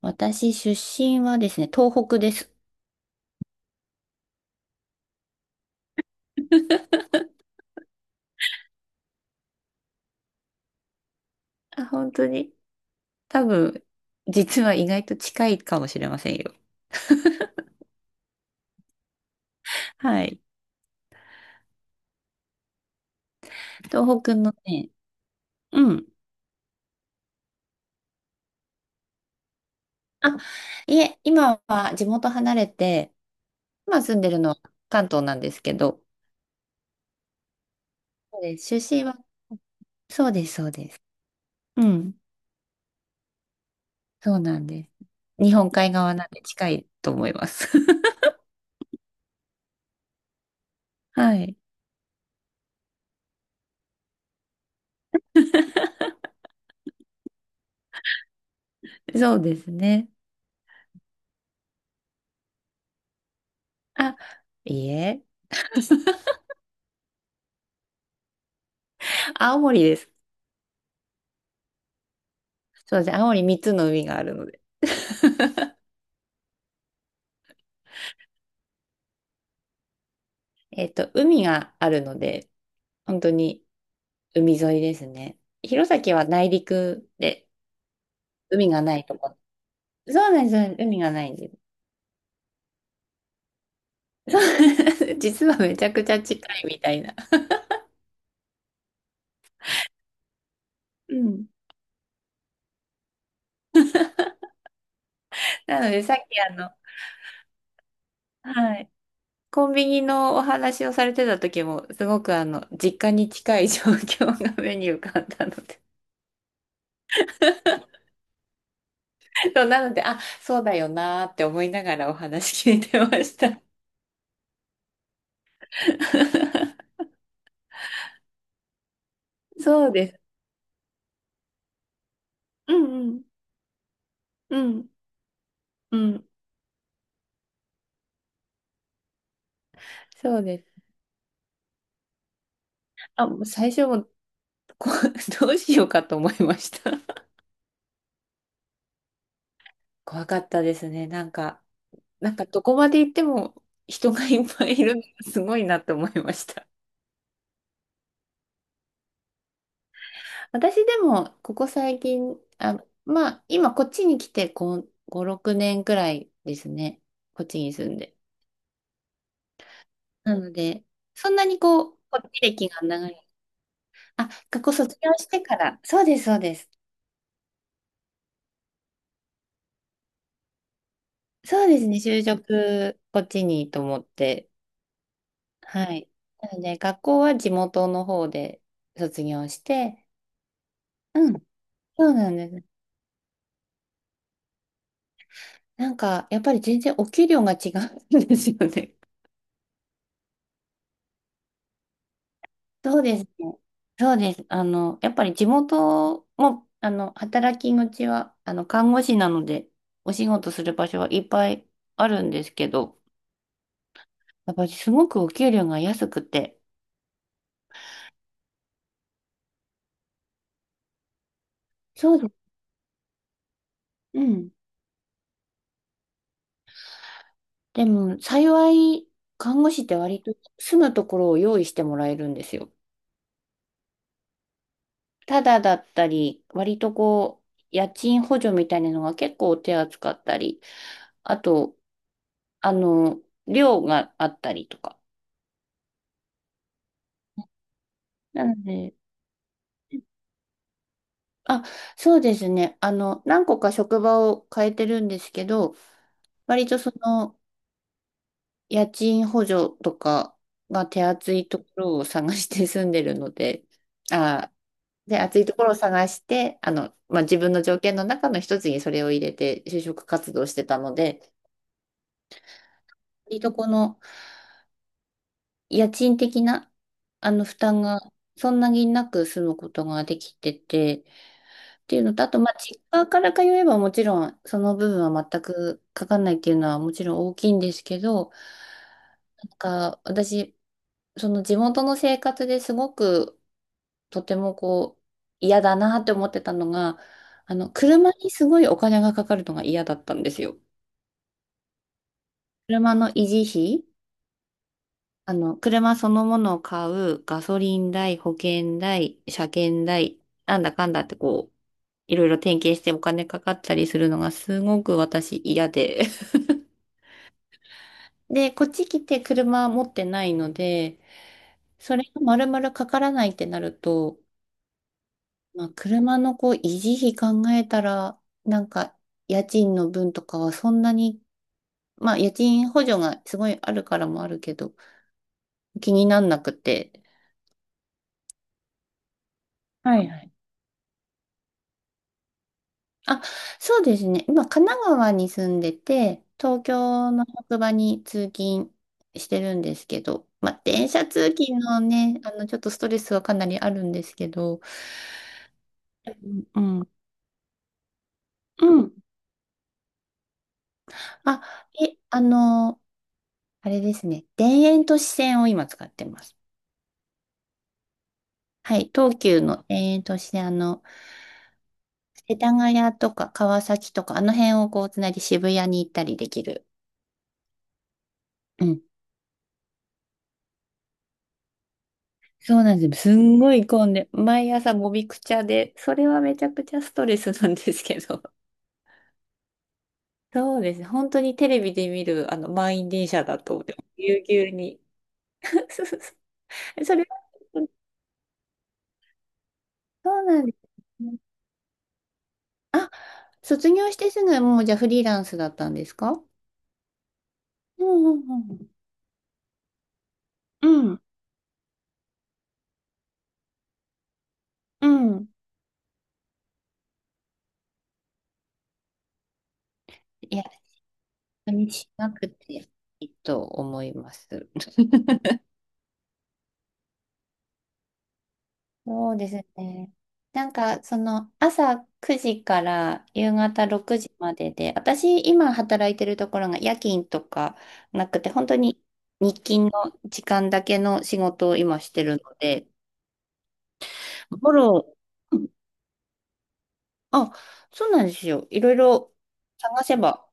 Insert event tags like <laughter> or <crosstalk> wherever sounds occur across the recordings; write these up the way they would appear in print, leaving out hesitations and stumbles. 私、出身はですね、東北です。あ、本当に。多分、実は意外と近いかもしれませんよ。はい。東北のね、うん。あ、いえ、今は地元離れて、今住んでるのは関東なんですけど、そうです、出身は、そうです、そうです。うん。そうなんです。日本海側なんで近いと思います。<laughs> はい。<laughs> そうですね。あ、いいえ、青森です。そうです。青森3つの海があるので、海があるので、本当に海沿いですね。弘前は内陸で海がないとこ。そうなんです、海がないんです。そう <laughs> 実はめちゃくちゃ近いみたいな。うん。なので、さっきはい。コンビニのお話をされてた時も、すごく実家に近い状況が目に浮かんだので。そうなので、あ、そうだよなーって思いながらお話聞いてました。<laughs> そうです。うんうん。うん。うん。そうです。あ、もう最初もこ、<laughs> どうしようかと思いました。<laughs> 怖かったですね。なんかどこまで行っても人がいっぱいいるのがすごいなと思いました。<laughs> 私でも、ここ最近、あ、まあ、今こっちに来て5、5、6年くらいですね。こっちに住んで。なので、そんなにこう、こっち歴が長い。あ、学校卒業してから。そうです、そうです。そうですね、就職、こっちにと思って。はい。なので、学校は地元の方で卒業して、うん、そうなんです。なんか、やっぱり全然お給料が違うんですよね。そうですね。そうです。やっぱり地元も、働き口は、看護師なので、お仕事する場所はいっぱいあるんですけど、やっぱりすごくお給料が安くて。そうです。うん。でも、幸い、看護師って割と住むところを用意してもらえるんですよ。ただだったり、割とこう、家賃補助みたいなのが結構手厚かったり、あと、あの、寮があったりとか。なので、あ、そうですね。何個か職場を変えてるんですけど、割とその、家賃補助とかが手厚いところを探して住んでるので、あ、で、厚いところを探して、まあ、自分の条件の中の一つにそれを入れて就職活動してたので、割とこの、家賃的な、負担がそんなになく済むことができてて、っていうのと、あと、まあ、実家から通えばもちろん、その部分は全くかかんないっていうのはもちろん大きいんですけど、なんか、私、その地元の生活ですごく、とてもこう、嫌だなって思ってたのが、車にすごいお金がかかるのが嫌だったんですよ。車の維持費、車そのものを買う、ガソリン代、保険代、車検代、なんだかんだってこう、いろいろ点検してお金かかったりするのがすごく私嫌で。<laughs> で、こっち来て車持ってないので、それが丸々かからないってなると、まあ、車のこう、維持費考えたら、なんか、家賃の分とかはそんなに、まあ、家賃補助がすごいあるからもあるけど、気になんなくて、はいはい。あ、そうですね。今、神奈川に住んでて、東京の職場に通勤してるんですけど、まあ、電車通勤のね、ちょっとストレスはかなりあるんですけど、うん、うん。あ、え、あの、あれですね。田園都市線を今使ってます。はい、東急の田園都市線、世田谷とか川崎とか、あの辺をこう、つないで渋谷に行ったりできる。うん、そうなんですよ。すんごい混んで、毎朝もみくちゃで、それはめちゃくちゃストレスなんですけど。そうですね。本当にテレビで見る、満員電車だと、ぎゅうぎゅうに。<laughs> そうそうそう。それは、そうなんですね。あ、卒業してすぐ、もうじゃあフリーランスだったんですか？うんうんうん。うん、うん。いや、楽しなくていいと思います。<laughs> そうですね。なんか、その、朝9時から夕方6時までで、私、今働いてるところが夜勤とかなくて、本当に日勤の時間だけの仕事を今してるので、フォロー、うん、あ、そうなんですよ。いろいろ探せば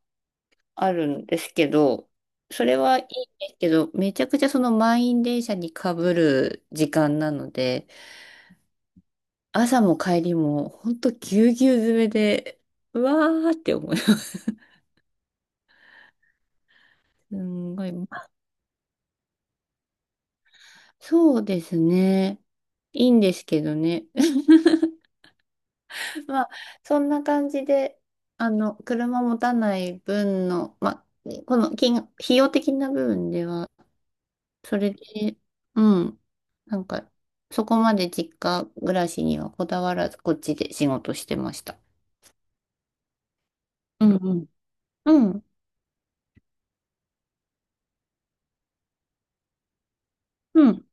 あるんですけど、それはいいんですけど、めちゃくちゃその満員電車にかぶる時間なので、朝も帰りも、ほんとぎゅうぎゅう詰めで、うわーって思います。すんごい。そうですね。いいんですけどね。<laughs> まあ、そんな感じで、車持たない分の、まあ、この金、費用的な部分では、それで、うん、なんか、そこまで実家暮らしにはこだわらず、こっちで仕事してました。うんうん。うん、うん、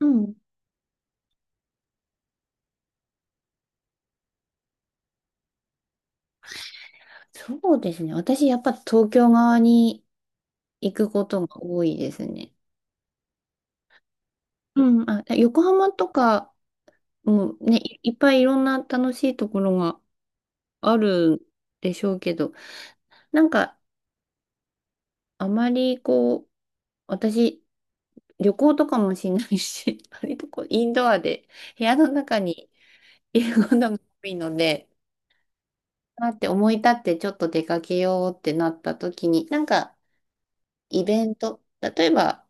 うん。そうですね。私、やっぱ東京側に行くことが多いですね。うん、あ、横浜とかもね、いいっぱいいろんな楽しいところがあるでしょうけど、なんかあまりこう、私、旅行とかもしないし、<laughs> 割とこう、インドアで部屋の中にいることが多いので、あって思い立ってちょっと出かけようってなった時に、なんかイベント、例えば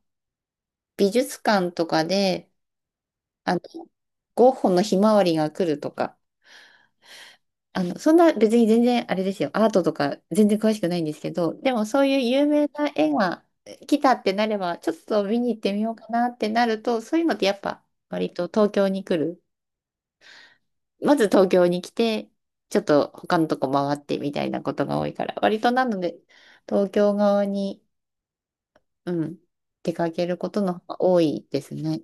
美術館とかで、あの、ゴッホのひまわりが来るとか、そんな別に全然あれですよ。アートとか全然詳しくないんですけど、でもそういう有名な絵が来たってなれば、ちょっと見に行ってみようかなってなると、そういうのってやっぱ割と東京に来る。まず東京に来て、ちょっと他のとこ回ってみたいなことが多いから、割となので東京側に、うん、出かけることの方が多いですね。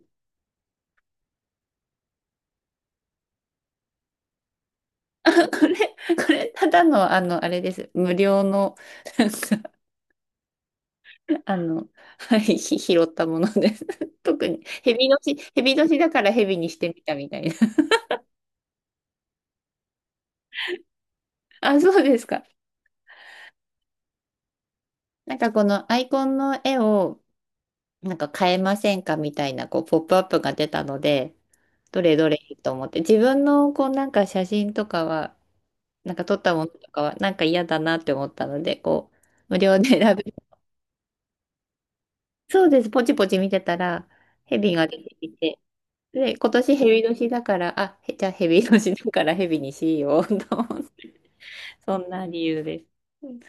<laughs> これ、これただのあれです。無料のあの、はい、<laughs> 拾ったものです。<laughs> 特に、蛇年、蛇年だから蛇にしてみたみたいな。<laughs> あ、そうですか。なんかこのアイコンの絵を、なんか変えませんかみたいな、こう、ポップアップが出たので、どれどれと思って、自分のこう、なんか写真とかは、なんか撮ったものとかは、なんか嫌だなって思ったので、こう、無料で選べ、<laughs> そうです、ポチポチ見てたら、ヘビが出てきて、で、今年ヘビ年だから、あ、じゃあヘビ年だからヘビにしようと。<laughs> そんな理由です。